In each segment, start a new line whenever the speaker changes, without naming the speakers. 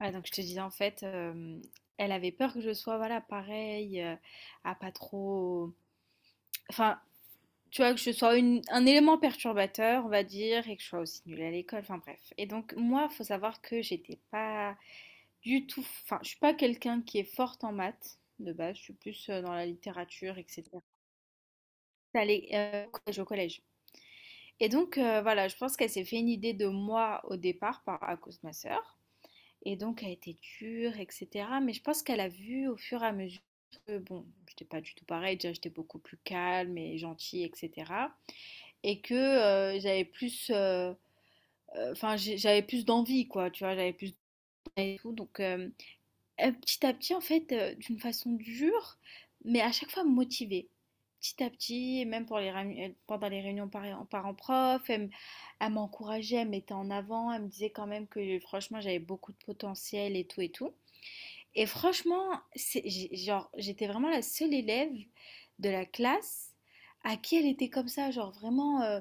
Ouais, donc je te disais en fait, elle avait peur que je sois voilà pareil, à pas trop, enfin tu vois que je sois un élément perturbateur on va dire et que je sois aussi nulle à l'école, enfin bref. Et donc moi faut savoir que j'étais pas du tout, enfin je suis pas quelqu'un qui est forte en maths de base, je suis plus dans la littérature etc. Allée au collège, au collège. Et donc voilà, je pense qu'elle s'est fait une idée de moi au départ par à cause de ma sœur. Et donc, elle était dure, etc. Mais je pense qu'elle a vu au fur et à mesure que, bon, j'étais pas du tout pareil, déjà j'étais beaucoup plus calme et gentille, etc. Et que j'avais plus d'envie, quoi, tu vois, j'avais plus d'envie et tout. Donc, petit à petit, en fait, d'une façon dure, mais à chaque fois motivée. Petit à petit, et même pour les pendant les réunions parents-prof, elle m'encourageait, elle me mettait en avant, elle me disait quand même que franchement j'avais beaucoup de potentiel et tout et tout. Et franchement, genre, j'étais vraiment la seule élève de la classe à qui elle était comme ça. Genre, vraiment,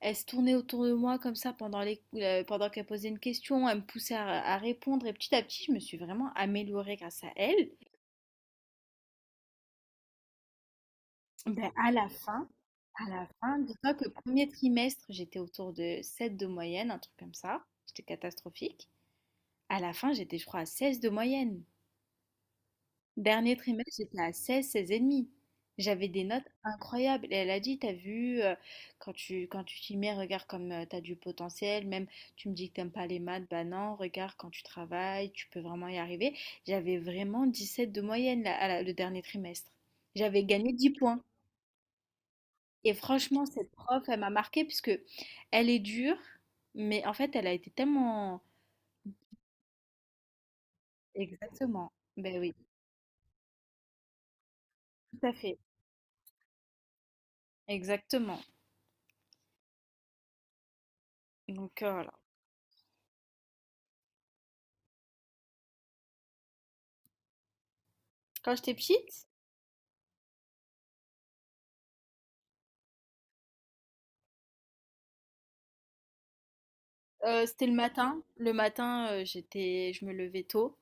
elle se tournait autour de moi comme ça pendant pendant qu'elle posait une question. Elle me poussait à répondre. Et petit à petit, je me suis vraiment améliorée grâce à elle. Ben, à la fin, dis-toi que premier trimestre, j'étais autour de 7 de moyenne, un truc comme ça. J'étais catastrophique. À la fin, j'étais, je crois, à 16 de moyenne. Dernier trimestre, j'étais à 16, 16,5. J'avais des notes incroyables. Et elle a dit, t'as vu, quand tu t'y mets, regarde comme tu t'as du potentiel. Même tu me dis que t'aimes pas les maths, bah non, regarde quand tu travailles, tu peux vraiment y arriver. J'avais vraiment 17 de moyenne là, le dernier trimestre. J'avais gagné 10 points. Et franchement, cette prof, elle m'a marquée puisque elle est dure, mais en fait, elle a été tellement… Exactement. Ben oui, tout à fait. Exactement. Donc voilà. Quand j'étais petite, c'était le matin. Le matin, j'étais je me levais tôt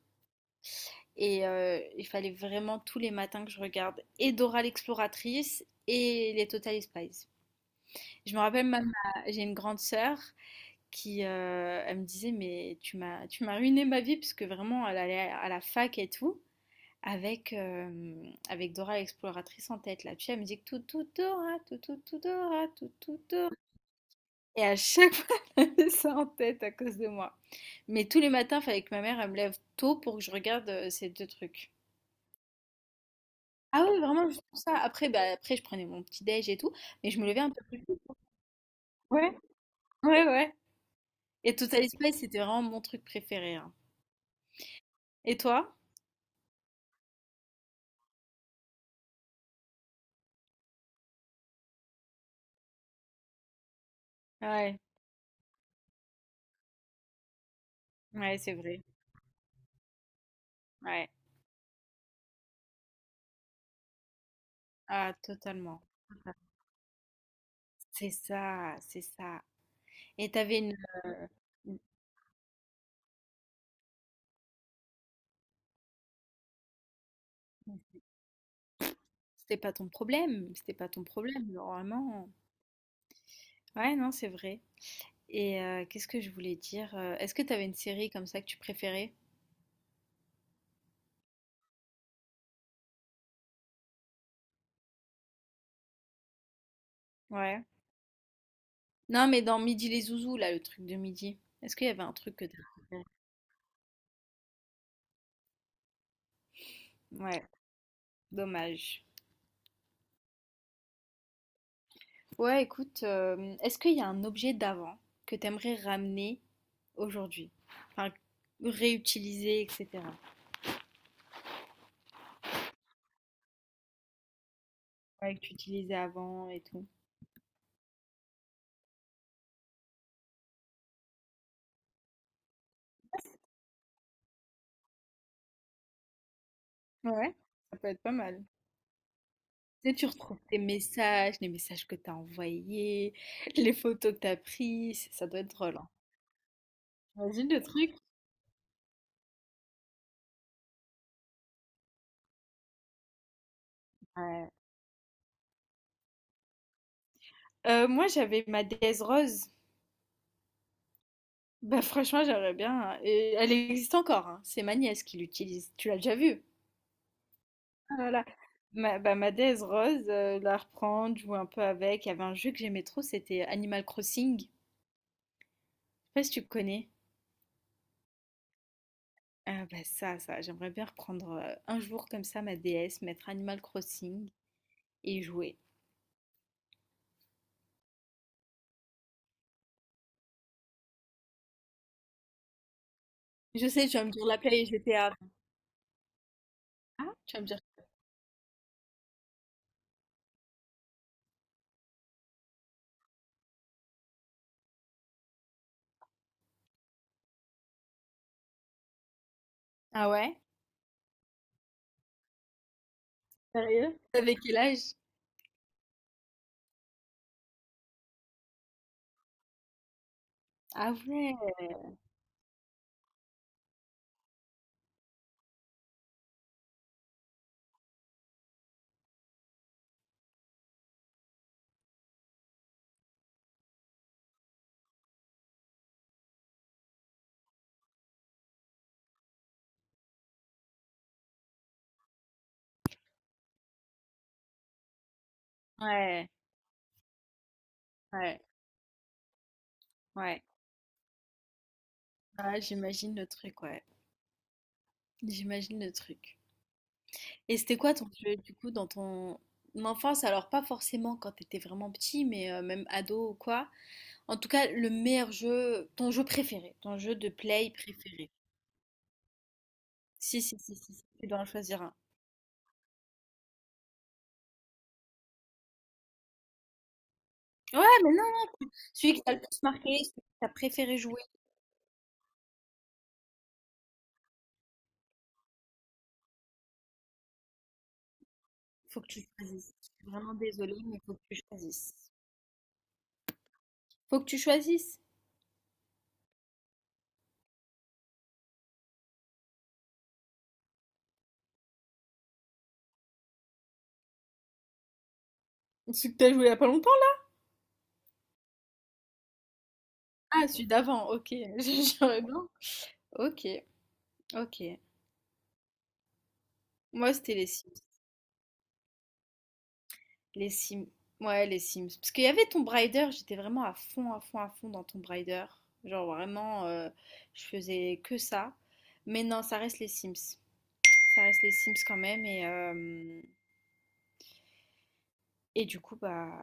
et il fallait vraiment tous les matins que je regarde et Dora l'exploratrice et les Totally Spies. Je me rappelle même ma j'ai une grande sœur qui, elle me disait: «Mais tu m'as ruiné ma vie» parce que vraiment elle allait à la fac et tout avec Dora l'exploratrice en tête là. Tu sais, la tout tout Dora, tout tout tout Dora, tout tout Dora. Et à chaque fois, elle avait ça en tête à cause de moi. Mais tous les matins, il fallait que ma mère elle me lève tôt pour que je regarde ces deux trucs. Ah oui, vraiment, juste pour ça. Après, je prenais mon petit déj et tout, mais je me levais un peu plus tôt. Ouais, ouais, ouais. Et Total Spice, c'était vraiment mon truc préféré, hein. Et toi? Ouais, ouais, c'est vrai. Ouais, ah, totalement. C'est ça, c'est ça. Et t'avais euh, une- une- C'était pas ton problème, c'était pas ton problème, normalement. Ouais, non, c'est vrai. Et qu'est-ce que je voulais dire? Est-ce que tu avais une série comme ça que tu préférais? Ouais. Non, mais dans Midi les Zouzous, là, le truc de midi. Est-ce qu'il y avait un truc que tu préféré? Ouais, dommage. Ouais, écoute, est-ce qu'il y a un objet d'avant que tu aimerais ramener aujourd'hui? Enfin, réutiliser, etc. Ouais, que tu utilisais avant et tout. Ouais, ça peut être pas mal. Tu sais, tu retrouves tes messages, les messages que tu as envoyés, les photos que tu as prises. Ça doit être drôle, hein. Imagine le truc. Ouais. Moi, j'avais ma déesse rose. Bah, franchement, j'aimerais bien, hein. Et elle existe encore, hein. C'est ma nièce qui l'utilise. Tu l'as déjà vue? Ah là là. Ma déesse rose, la reprendre, jouer un peu avec. Il y avait un jeu que j'aimais trop, c'était Animal Crossing. Je sais pas si tu connais. Ah bah ça, ça, j'aimerais bien reprendre un jour comme ça ma DS, mettre Animal Crossing et y jouer. Je sais, tu vas me dire la Play et GTA. Ah, tu vas me dire. Ah ouais? Sérieux? Avec quel âge? Ah ouais, ouais, ouais, ouais. Ah, j'imagine le truc, ouais. J'imagine le truc. Et c'était quoi ton jeu, du coup, dans ton enfance? Alors, pas forcément quand t'étais vraiment petit, mais même ado ou quoi. En tout cas, le meilleur jeu, ton jeu préféré, ton jeu de play préféré. Si, si, si, si, si, tu dois en choisir un. Ouais, mais non, celui qui t'a le plus marqué, celui que t'as préféré jouer, faut que tu choisisses. Je suis vraiment désolée, mais faut que tu choisisses. Faut que tu choisisses. Celui que t'as joué il y a pas longtemps, là? Ah, celui d'avant, ok. J'aurais bien. Ok, ok. Moi, c'était les Sims. Les Sims. Ouais, les Sims. Parce qu'il y avait Tomb Raider, j'étais vraiment à fond, à fond, à fond dans Tomb Raider. Genre vraiment, je faisais que ça. Mais non, ça reste les Sims. Ça reste les Sims quand même. Et du coup, bah,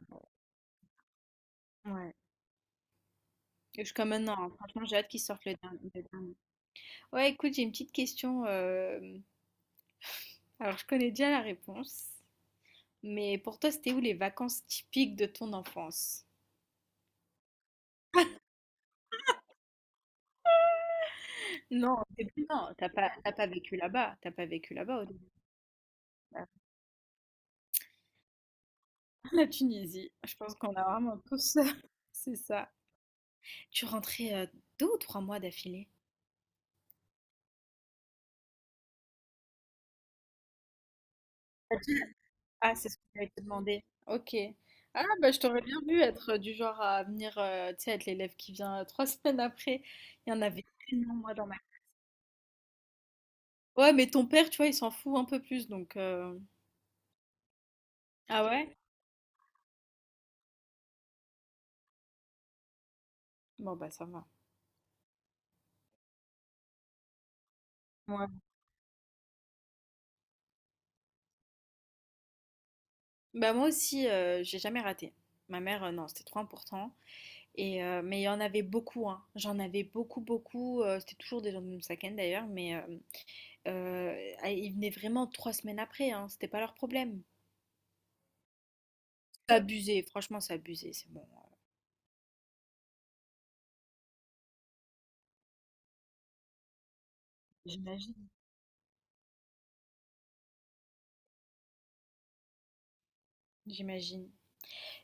ouais. Et jusqu'à maintenant, hein, franchement, j'ai hâte qu'ils sortent le dernier. Ouais, écoute, j'ai une petite question. Alors, je connais déjà la réponse. Mais pour toi, c'était où les vacances typiques de ton enfance? Non, au début, non, t'as pas vécu là-bas. T'as pas vécu là-bas au début. La Tunisie, je pense qu'on a vraiment tous c'est ça. Tu rentrais 2 ou 3 mois d'affilée? Ah, c'est ce que j'allais te demander. Ok. Ah, bah, je t'aurais bien vu être du genre à venir, tu sais, être l'élève qui vient trois semaines après. Il y en avait tellement, moi, dans ma… Ouais, mais ton père, tu vois, il s'en fout un peu plus, donc… Ah ouais? Bon, bah, ça va. Ouais. Bah moi aussi, j'ai jamais raté. Ma mère, non, c'était trop important. Mais il y en avait beaucoup, hein. J'en avais beaucoup, beaucoup. C'était toujours des gens de Moussaken d'ailleurs, mais Ah, ils venaient vraiment 3 semaines après, hein, c'était pas leur problème. C'est abusé, franchement, c'est abusé, c'est bon. J'imagine. J'imagine.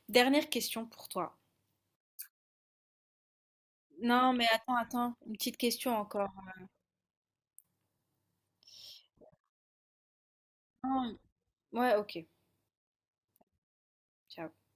Dernière question pour toi. Non, mais attends, attends, une petite question encore. Non, ouais, ok, ciao.